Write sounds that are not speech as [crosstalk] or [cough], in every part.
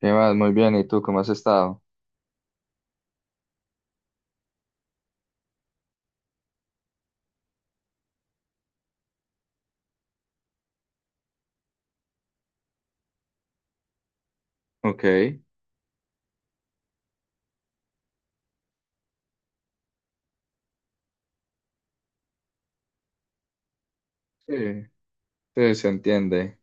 ¿Qué más? Muy bien, ¿y tú cómo has estado? Ok, sí, sí, se entiende,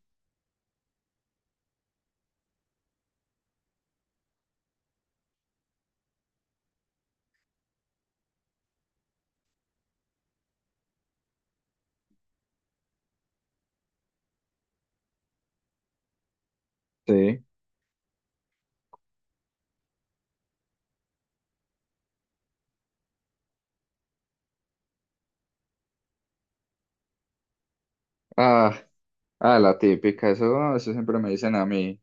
sí. Ah, ah, la típica, eso siempre me dicen a mí,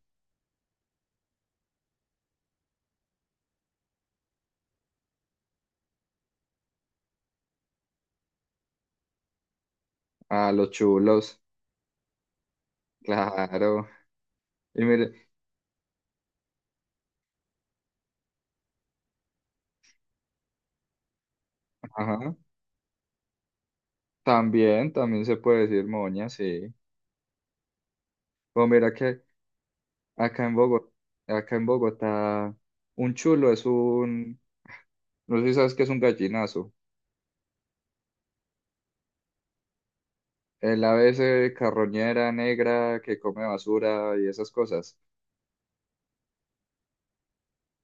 a los chulos, claro. Y mire, ajá, también, también se puede decir moña, sí. Pues mira que acá en Bogotá, acá en Bogotá, un chulo es un, no sé si sabes qué es un gallinazo, el ave ese carroñera negra que come basura y esas cosas.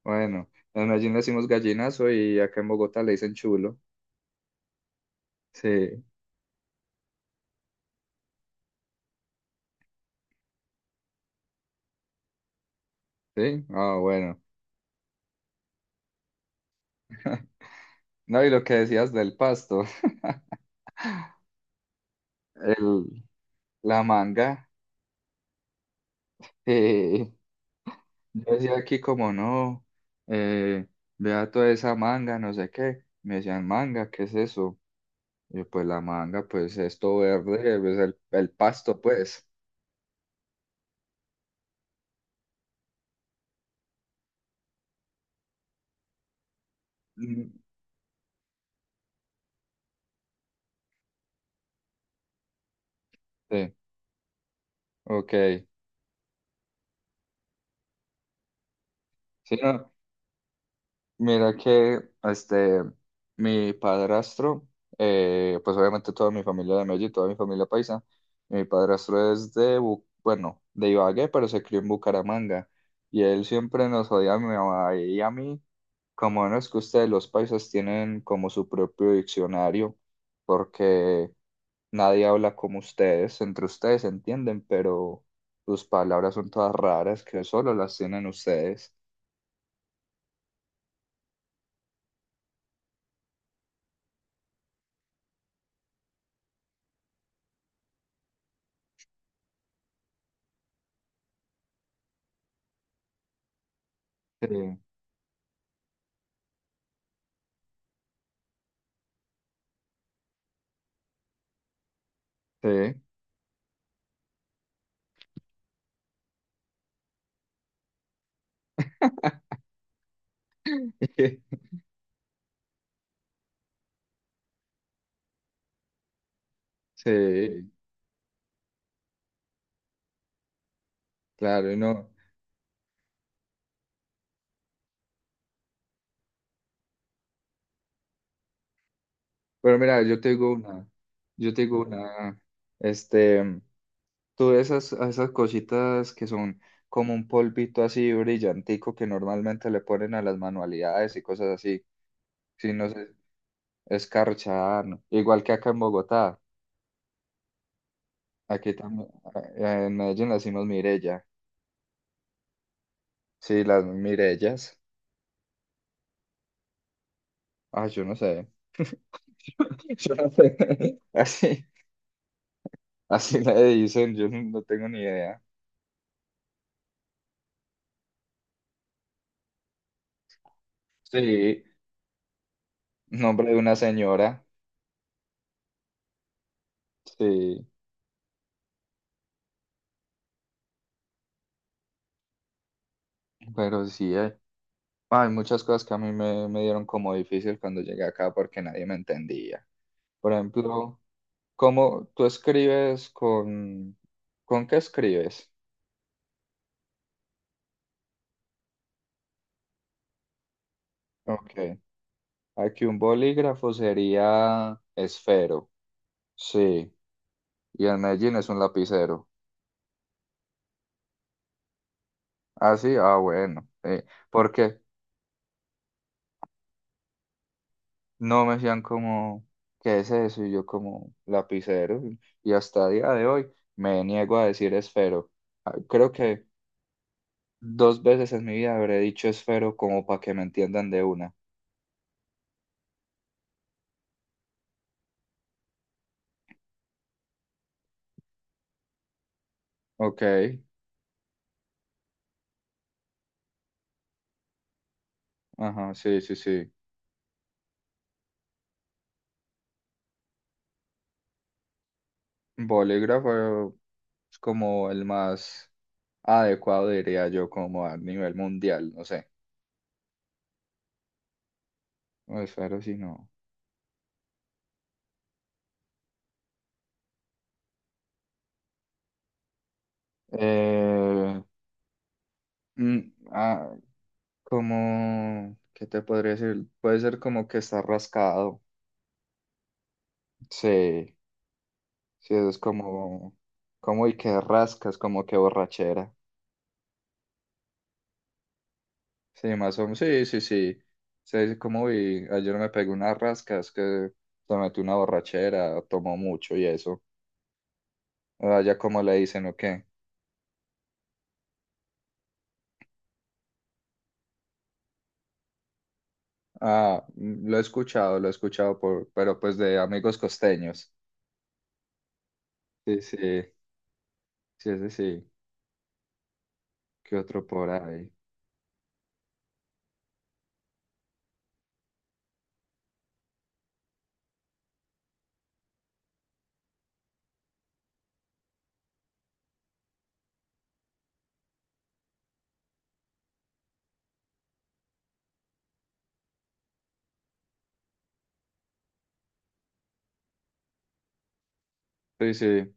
Bueno, en Medellín le decimos gallinazo y acá en Bogotá le dicen chulo. Sí, sí, ah, bueno. [laughs] No, y lo que decías del pasto, [laughs] el, la manga, eh, yo decía aquí como no, eh, vea toda esa manga, no sé qué. Me decían, manga, ¿qué es eso? Y yo, pues la manga, pues esto verde, pues el pasto, pues. Mm, sí, ok. Sí, no. Mira que mi padrastro, pues obviamente toda mi familia de Medellín, toda mi familia paisa, mi padrastro es de, bueno, de Ibagué, pero se crió en Bucaramanga, y él siempre nos odia a mi mamá y a mí, como no es que ustedes los paisas tienen como su propio diccionario, porque nadie habla como ustedes, entre ustedes se entienden, pero sus palabras son todas raras que solo las tienen ustedes. Sí, sí. [laughs] Sí. Claro, y no. Pero mira, yo te digo una, este, tú esas cositas que son como un polvito así brillantico que normalmente le ponen a las manualidades y cosas así, si no sé, escarcha, ¿no? Igual que acá en Bogotá, aquí también, en Medellín las decimos mirella, sí, las mirellas, ah, yo no sé, [laughs] yo no sé, [laughs] así, así le dicen, yo no tengo ni idea, sí, nombre de una señora. Sí, pero sí, hay muchas cosas que a mí me dieron como difícil cuando llegué acá porque nadie me entendía. Por ejemplo, ¿cómo tú escribes con... ¿Con qué escribes? Ok, aquí un bolígrafo sería esfero, sí, y en Medellín es un lapicero. Ah, sí, ah, bueno, porque no me decían como, ¿qué es eso? Y yo como lapicero, y hasta día de hoy me niego a decir esfero. Ah, creo que dos veces en mi vida habré dicho esfero como para que me entiendan de una. Ok, ajá, sí, sí, sí. Bolígrafo es como el más adecuado, diría yo, como a nivel mundial, no sé. No, esfero sí, no. Eh, mm, ah, como, ¿qué te podría decir? Puede ser como que está rascado. Sí, sí, eso es como, como y que rascas, como que borrachera. Sí, más o menos. Sí, sí, sí. Sí, como vi, ayer me pegué unas rascas que se metí una borrachera, tomó mucho y eso. Allá como le dicen, ¿o qué? Ah, mm, lo he escuchado por, pero pues de amigos costeños. Sí, sí, sí, sí, sí. ¿Qué otro por ahí? Sí, sí,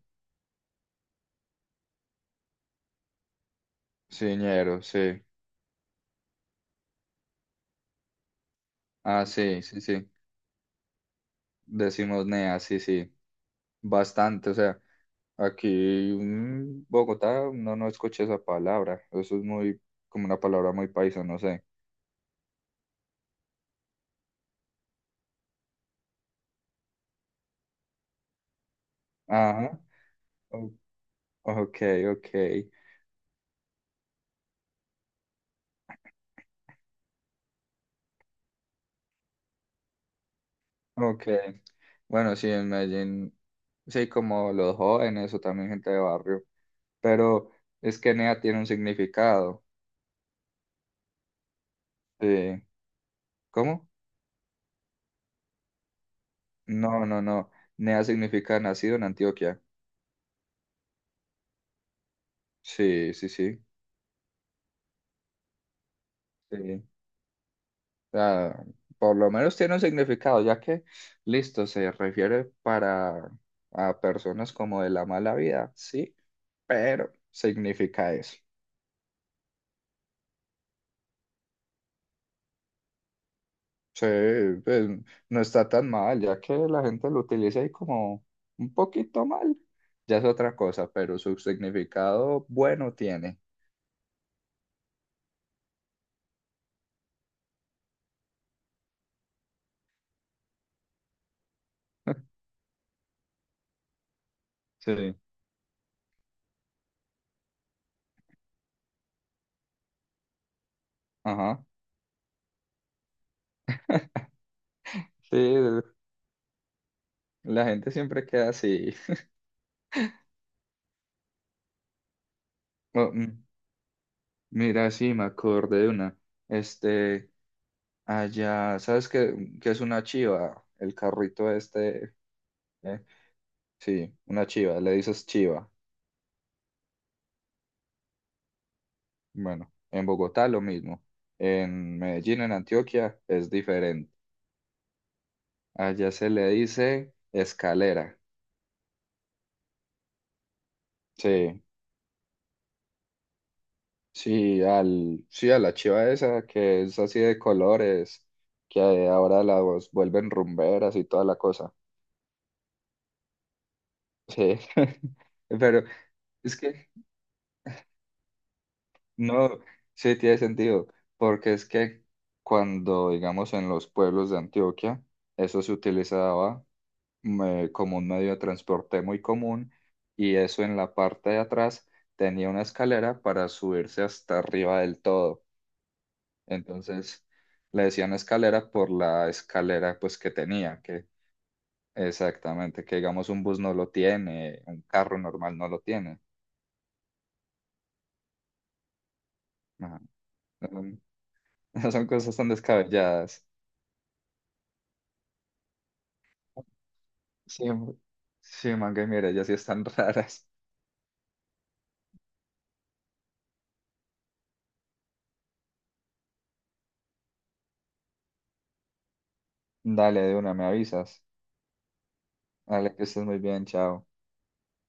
sí, ñero, sí. Ah, sí, sí, sí. Decimos nea, sí, sí. Bastante, o sea. Aquí en Bogotá no, no escuché esa palabra. Eso es muy, como una palabra muy paisa, no sé. Ajá. o- Ok, ok, ok. Bueno, sí, en Medellín, sí, como los jóvenes o también gente de barrio. Pero es que NEA tiene un significado. Sí. ¿Cómo? No, no, no. NEA significa nacido en Antioquia. Sí, sí, sí. Sí. Sea, por lo menos tiene un significado, ya que, listo, se refiere para a personas como de la mala vida, sí, pero significa eso. Sí, pues no está tan mal, ya que la gente lo utiliza ahí como un poquito mal, ya es otra cosa, pero su significado bueno tiene. [laughs] Sí. Ajá, sí, la gente siempre queda así. Oh, mm, mira, sí, me acordé de una. Este, Allá, ¿sabes qué, qué es una chiva? El carrito este, ¿eh? Sí, una chiva, le dices chiva. Bueno, en Bogotá lo mismo. En Medellín, en Antioquia, es diferente. Allá se le dice escalera. Sí, sí, al, sí, a la chiva esa que es así de colores, que ahora la vuelven rumberas y toda la cosa. Sí, [laughs] pero es que no, sí tiene sentido, porque es que cuando, digamos, en los pueblos de Antioquia, eso se utilizaba como un medio de transporte muy común y eso en la parte de atrás tenía una escalera para subirse hasta arriba del todo. Entonces le decían escalera por la escalera pues que tenía, que exactamente, que digamos un bus no lo tiene, un carro normal no lo tiene. Ajá. [laughs] Son son cosas tan descabelladas. Sí, sí, man, que mira, ya sí están [laughs] raras. Dale, de una, me avisas. Dale, que estés muy bien, chao.